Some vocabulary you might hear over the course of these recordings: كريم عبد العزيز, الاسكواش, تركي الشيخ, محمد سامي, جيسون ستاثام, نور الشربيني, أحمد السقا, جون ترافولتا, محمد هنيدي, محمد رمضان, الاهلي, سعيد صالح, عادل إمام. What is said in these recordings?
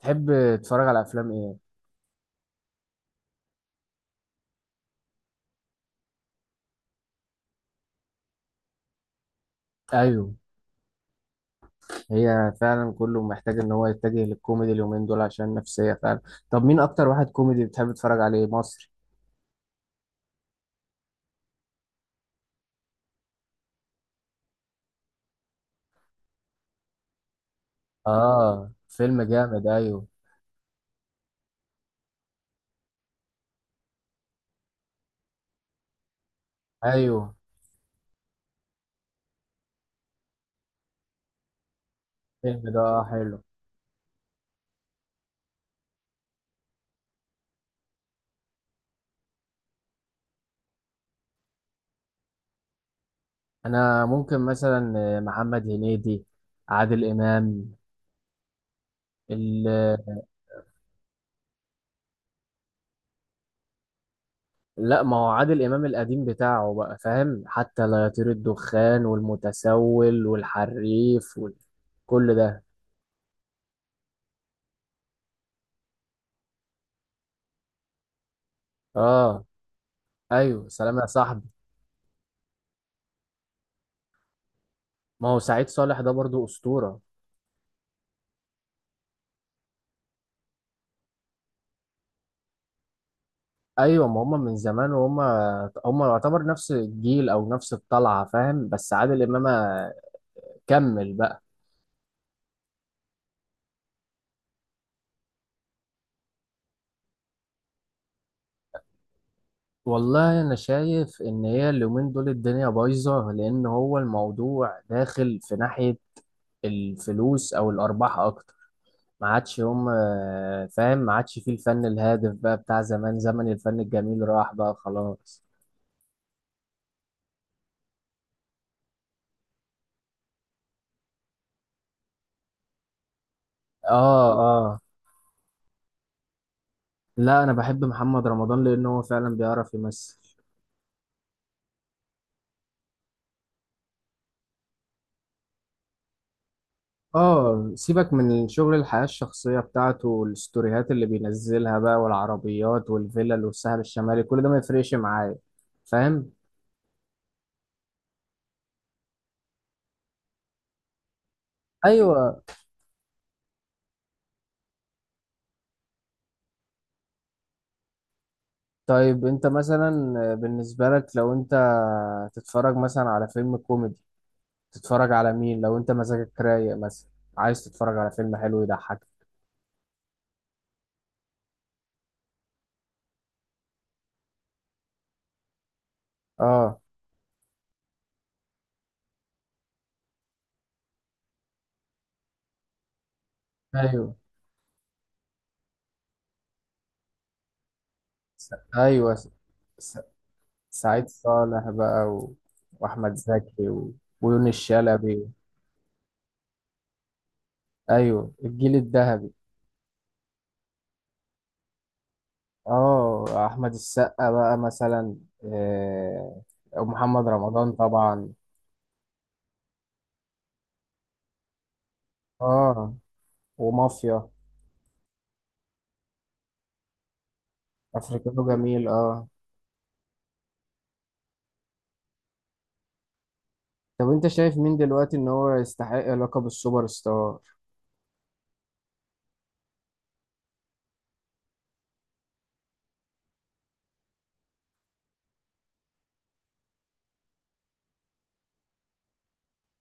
تحب تتفرج على افلام ايه؟ ايوه. هي فعلا كله محتاج ان هو يتجه للكوميدي اليومين دول عشان نفسية فعلا. طب مين اكتر واحد كوميدي بتحب تتفرج عليه مصري؟ اه فيلم جامد ايوه. ايوه الفيلم ده آه حلو. انا ممكن مثلا محمد هنيدي، عادل امام، ال... لا ما هو عادل امام القديم بتاعه بقى فاهم، حتى لا يطير الدخان والمتسول والحريف وكل ده. اه ايوه سلام يا صاحبي. ما هو سعيد صالح ده برضو أسطورة. أيوة ما هم من زمان، وهم هم يعتبر نفس الجيل أو نفس الطلعة فاهم، بس عادل إمام كمل بقى. والله أنا شايف إن هي اليومين دول الدنيا بايظة، لأن هو الموضوع داخل في ناحية الفلوس أو الأرباح أكتر. ما عادش هم فاهم، ما عادش فيه الفن الهادف بقى بتاع زمان، زمن الفن الجميل راح بقى خلاص. آه. آه. لا أنا بحب محمد رمضان لأن هو فعلا بيعرف يمثل. اه سيبك من الشغل، الحياة الشخصية بتاعته والستوريهات اللي بينزلها بقى والعربيات والفلل والساحل الشمالي كل ده ما يفرقش معايا، فاهم. ايوه. طيب انت مثلا بالنسبة لك لو انت تتفرج مثلا على فيلم كوميدي، تتفرج على مين لو انت مزاجك رايق مثلا، عايز تتفرج على فيلم حلو يضحك؟ اه ايوه. ايوه. س- سعيد صالح بقى واحمد زكي ويونس شلبي. ايوه الجيل الذهبي. اه احمد السقا بقى مثلا، آه، ومحمد رمضان طبعا. اه ومافيا. افريكانو جميل اه. طب انت شايف مين دلوقتي ان هو يستحق لقب السوبر ستار؟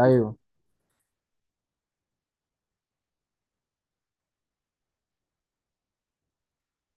ايوه.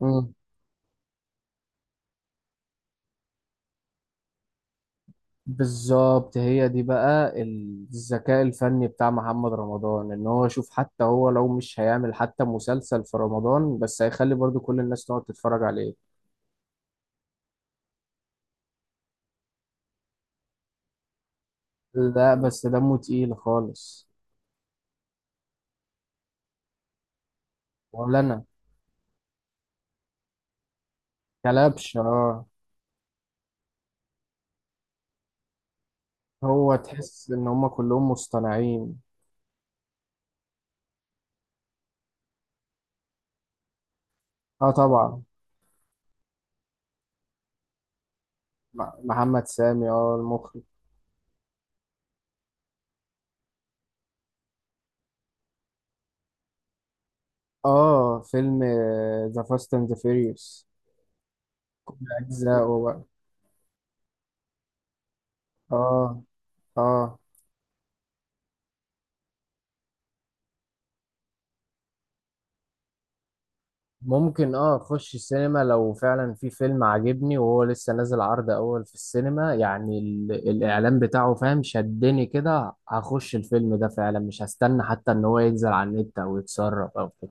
مم. بالظبط، هي دي بقى الذكاء الفني بتاع محمد رمضان، ان هو شوف حتى هو لو مش هيعمل حتى مسلسل في رمضان بس هيخلي برضو كل الناس تقعد تتفرج عليه. لا بس دمه تقيل خالص. ولا انا. كلبش اه. هو تحس ان هم كلهم مصطنعين. اه طبعا. محمد سامي، اه المخرج. اه فيلم ذا فاست اند فيريوس، كل اجزاءه بقى. اه. اه. ممكن اه اخش السينما لو فعلا في فيلم عاجبني وهو لسه نازل عرض اول في السينما، يعني الاعلان بتاعه فاهم شدني كده، هخش الفيلم ده فعلا مش هستنى حتى ان هو ينزل على النت او يتسرب او كده.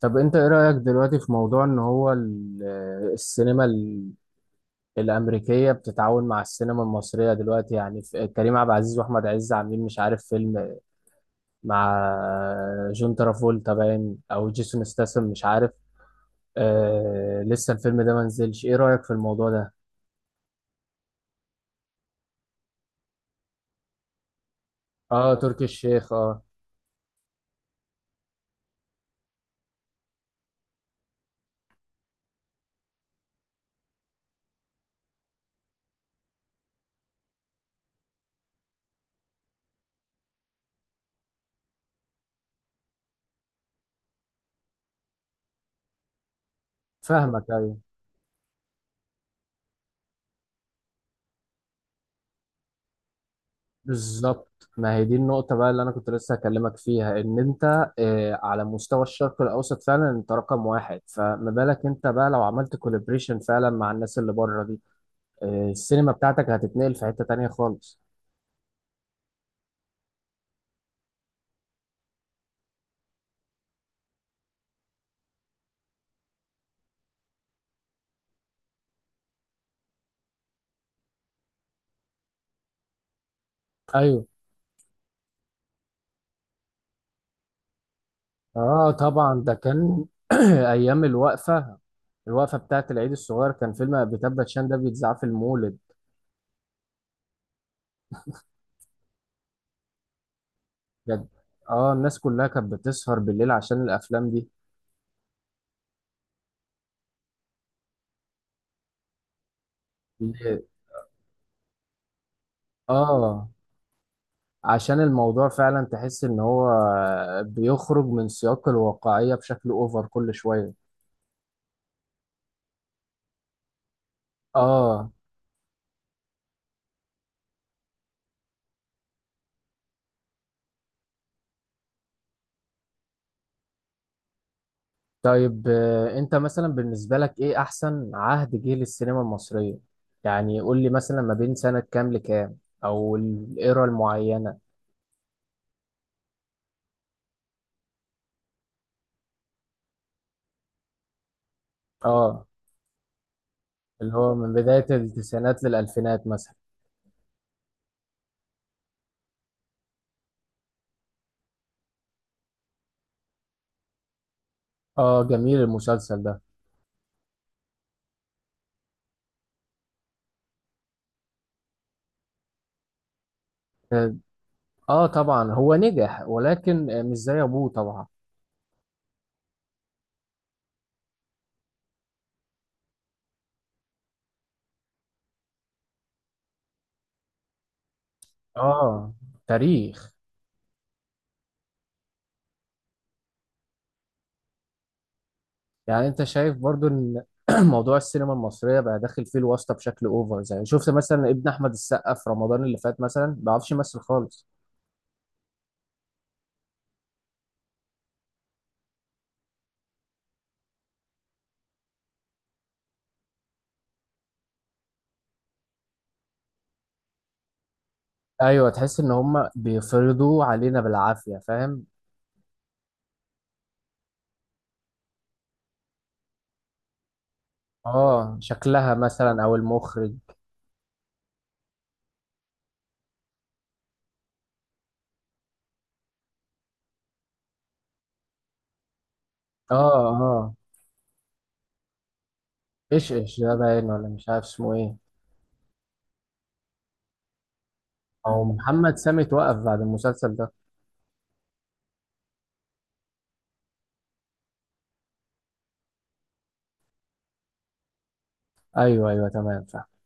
طب انت ايه رأيك دلوقتي في موضوع ان هو آه، السينما الأمريكية بتتعاون مع السينما المصرية دلوقتي، يعني كريم عبد العزيز وأحمد عز عاملين مش عارف فيلم مع جون ترافولتا باين أو جيسون ستاثام مش عارف، آه لسه الفيلم ده منزلش، إيه رأيك في الموضوع ده؟ آه تركي الشيخ آه. فاهمك أيوه بالظبط، ما هي دي النقطة بقى اللي أنا كنت لسه هكلمك فيها، إن أنت آه على مستوى الشرق الأوسط فعلا أنت رقم واحد، فما بالك أنت بقى لو عملت كولابريشن فعلا مع الناس اللي بره دي، آه، السينما بتاعتك هتتنقل في حتة تانية خالص. ايوه. اه طبعا ده كان ايام الوقفة، الوقفة بتاعت العيد الصغير كان فيلم بتبت شان ده بيتذاع في المولد. بجد. اه الناس كلها كانت بتسهر بالليل عشان الافلام دي. اه. عشان الموضوع فعلا تحس ان هو بيخرج من سياق الواقعية بشكل اوفر كل شوية. اه. طيب آه، انت مثلا بالنسبة لك ايه احسن عهد جه للسينما المصرية؟ يعني قول لي مثلا ما بين سنة كام لكام، او الايرا المعينة. اه اللي هو من بداية التسعينات للالفينات مثلا. اه جميل المسلسل ده. اه آه، طبعا هو نجح ولكن آه، مش زي ابوه طبعا. اه تاريخ. يعني انت شايف برضو ان موضوع السينما المصرية بقى داخل فيه الواسطة بشكل اوفر، زي شفت مثلا ابن احمد السقا في رمضان اللي فات مثلا ما بيعرفش يمثل خالص. ايوه تحس ان هم بيفرضوا علينا بالعافيه، فاهم. اه شكلها مثلا او المخرج. اه. اه ايش ايش ده باين ولا مش عارف اسمه ايه. او محمد سامي توقف بعد المسلسل ده. ايوه ايوه تمام فاهم.